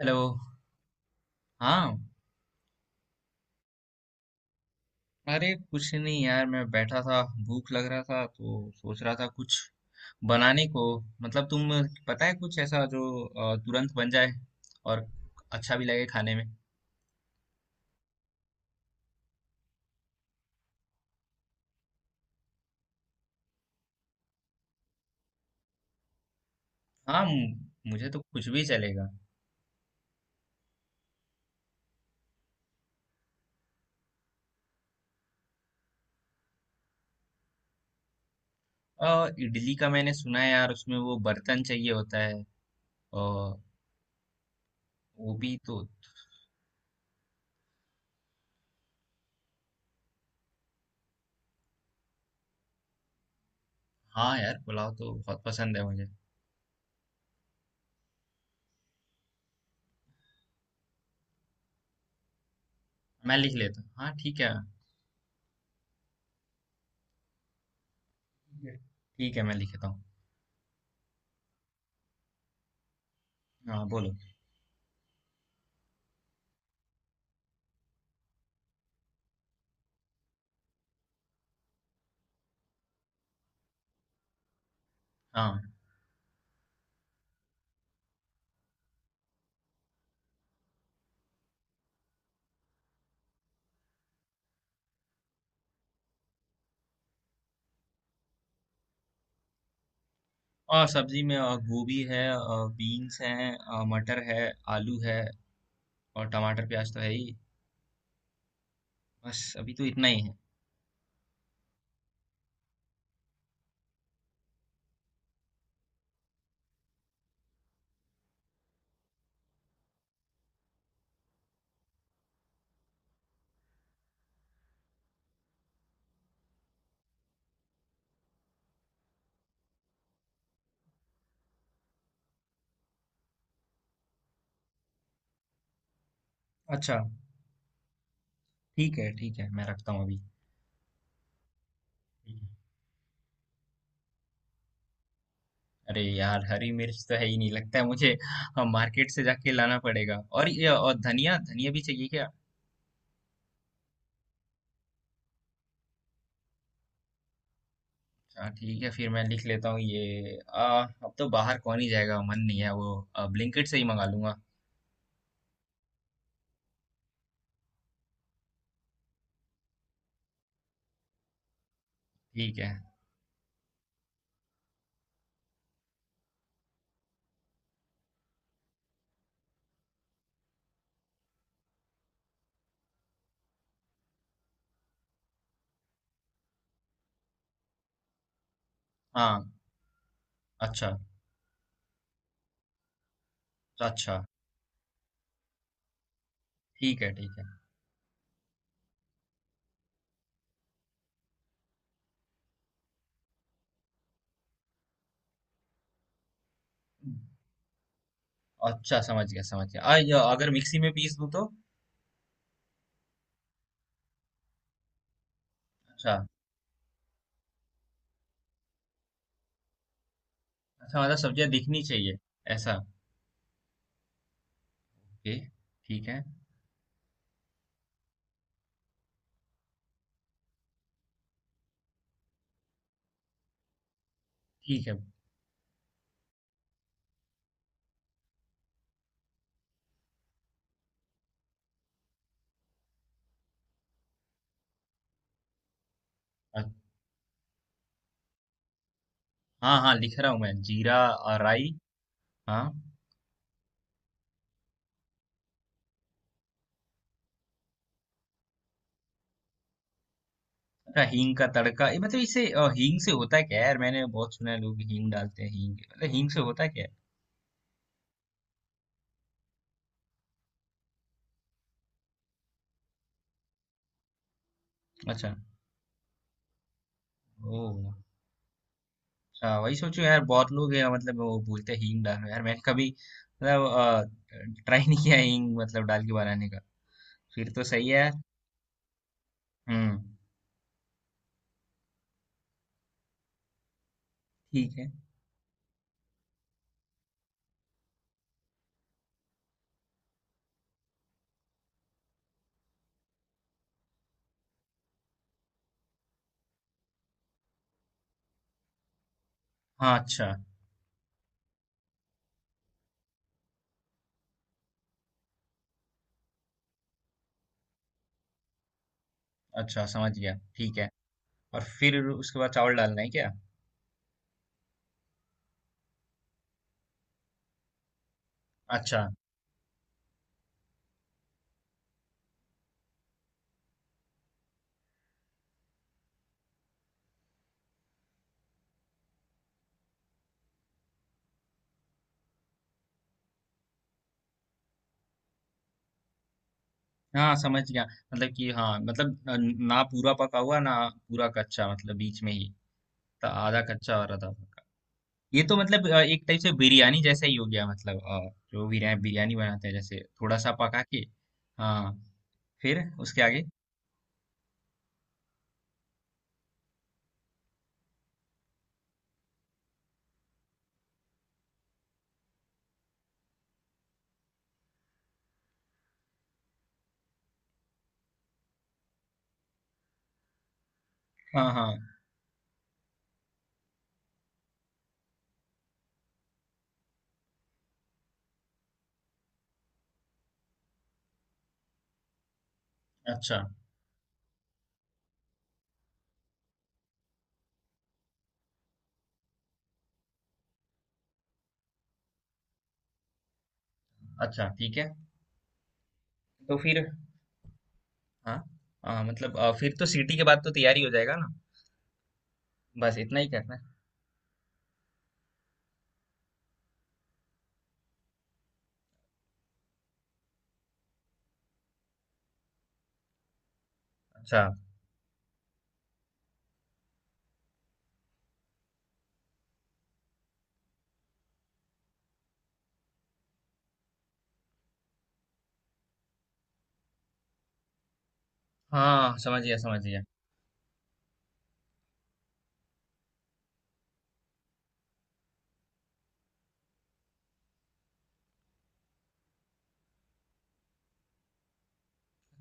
Hello. हाँ। अरे कुछ नहीं यार, मैं बैठा था। भूख लग रहा था तो सोच रहा था कुछ बनाने को। मतलब तुम पता है कुछ ऐसा जो तुरंत बन जाए और अच्छा भी लगे खाने में। हाँ, मुझे तो कुछ भी चलेगा। इडली का मैंने सुना है यार, उसमें वो बर्तन चाहिए होता है, और वो भी तो। हाँ यार, पुलाव तो बहुत पसंद है मुझे। मैं लिख लेता हूँ, हाँ ठीक है। ठीक है ठीक है, मैं लिखता हूँ। हाँ बोलो। हाँ। और सब्जी में गोभी है, बीन्स हैं, मटर है, आलू है, और टमाटर प्याज तो है ही। बस अभी तो इतना ही है। अच्छा, ठीक है ठीक है, मैं रखता हूँ अभी। अरे यार, हरी मिर्च तो है ही नहीं लगता है मुझे। मार्केट से जाके लाना पड़ेगा। और ये और धनिया, धनिया भी चाहिए क्या? अच्छा ठीक है, फिर मैं लिख लेता हूँ ये अब तो बाहर कौन ही जाएगा, मन नहीं है वो। ब्लिंकिट से ही मंगा लूंगा। ठीक है। हाँ। अच्छा। तो अच्छा। ठीक है ठीक है। अच्छा, समझ गया समझ गया। अगर मिक्सी में पीस दूं तो? अच्छा। अच्छा, मतलब सब्जियां दिखनी चाहिए। ऐसा? ओके, ठीक है ठीक है। अ- हाँ हाँ, लिख रहा हूँ मैं। जीरा, राई। हाँ। अच्छा, हींग का तड़का? ये मतलब इसे हींग से होता है क्या? यार, मैंने बहुत सुना है लोग हींग डालते हैं। हींग मतलब हींग से होता है क्या? अच्छा। ओ अच्छा, वही सोचो यार। बहुत लोग हैं मतलब, वो बोलते हैं हींग डालो यार। मैंने कभी मतलब ट्राई नहीं किया है हींग मतलब डाल के बनाने का। फिर तो सही है यार। हम्म। ठीक है। हाँ। अच्छा। अच्छा, समझ गया। ठीक है। और फिर उसके बाद चावल डालना है क्या? अच्छा हाँ, समझ गया। मतलब कि हाँ, मतलब ना पूरा पका हुआ, ना पूरा कच्चा, मतलब बीच में ही। तो आधा कच्चा और आधा पका। ये तो मतलब एक टाइप से बिरयानी जैसा ही हो गया। मतलब जो बिरयानी बिरयानी बनाते हैं जैसे थोड़ा सा पका के। हाँ। फिर उसके आगे? हाँ हाँ। अच्छा। अच्छा, ठीक है। तो फिर? हाँ हाँ, मतलब फिर तो सीटी के बाद तो तैयारी हो जाएगा ना? बस इतना ही करना है? अच्छा हाँ, समझ गया समझ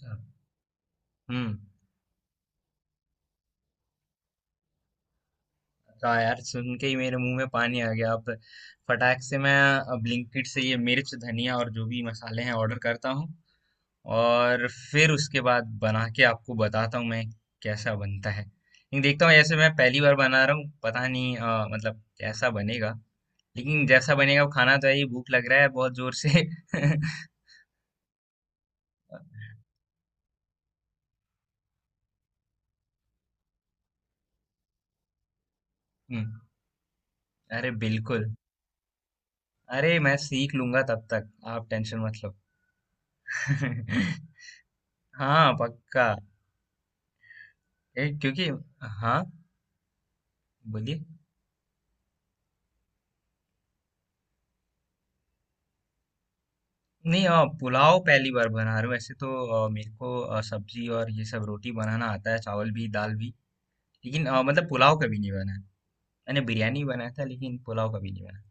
गया। हुँ। हाँ यार, सुन के ही मेरे मुँह में पानी आ गया। अब फटाक से मैं ब्लिंकिट से ये मिर्च, धनिया और जो भी मसाले हैं ऑर्डर करता हूँ, और फिर उसके बाद बना के आपको बताता हूँ मैं कैसा बनता है। लेकिन देखता हूँ, ऐसे मैं पहली बार बना रहा हूँ, पता नहीं मतलब कैसा बनेगा। लेकिन जैसा बनेगा वो खाना तो है ही, भूख लग रहा है बहुत ज़ोर से। हुँ। अरे बिल्कुल। अरे मैं सीख लूँगा तब तक, आप टेंशन मत लो। हाँ, पक्का। ए, क्योंकि हाँ, बोलिए। नहीं, पुलाव पहली बार बना रहा हूँ ऐसे तो। मेरे को सब्जी और ये सब रोटी बनाना आता है, चावल भी, दाल भी। लेकिन मतलब पुलाव कभी नहीं बना है। मैंने बिरयानी बनाया था लेकिन पुलाव कभी नहीं बना।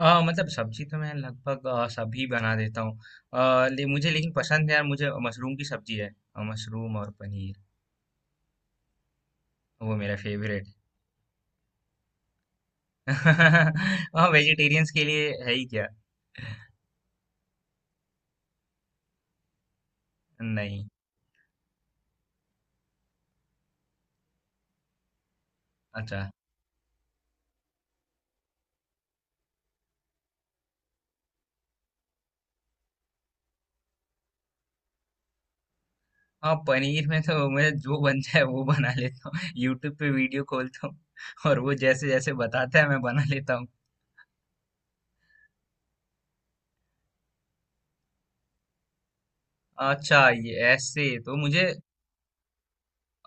मतलब सब्जी तो मैं लगभग सभी बना देता हूँ। मुझे लेकिन पसंद है यार, मुझे मशरूम की सब्जी है। मशरूम और पनीर वो मेरा फेवरेट है। हाँ, वेजिटेरियंस के लिए है ही क्या? नहीं। अच्छा। हाँ, पनीर में तो मैं जो बन जाए वो बना लेता हूँ। यूट्यूब पे वीडियो खोलता हूँ, और वो जैसे जैसे बताता है मैं बना लेता हूँ। अच्छा, ये ऐसे तो मुझे,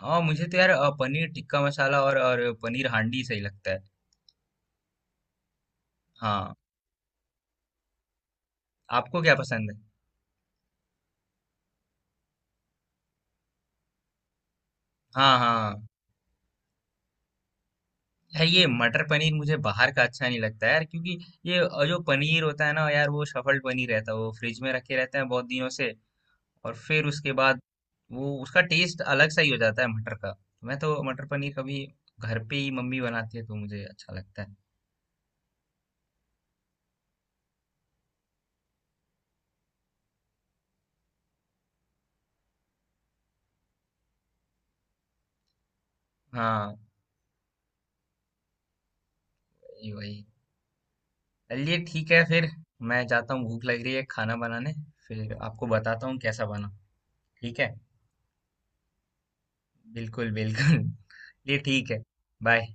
हाँ मुझे तो यार पनीर टिक्का मसाला और पनीर हांडी सही लगता है। हाँ। आपको क्या पसंद है? हाँ हाँ। यार, ये मटर पनीर मुझे बाहर का अच्छा नहीं लगता यार, क्योंकि ये जो पनीर होता है ना यार, वो सफल पनीर रहता है, वो फ्रिज में रखे रहते हैं बहुत दिनों से। और फिर उसके बाद वो उसका टेस्ट अलग सा ही हो जाता है मटर का। मैं तो मटर पनीर कभी घर पे ही, मम्मी बनाती है तो मुझे अच्छा लगता है। हाँ, ये वही। चलिए ठीक है फिर, मैं जाता हूँ, भूख लग रही है खाना बनाने। फिर आपको बताता हूँ कैसा बना। ठीक है। बिल्कुल बिल्कुल। ये ठीक है। बाय।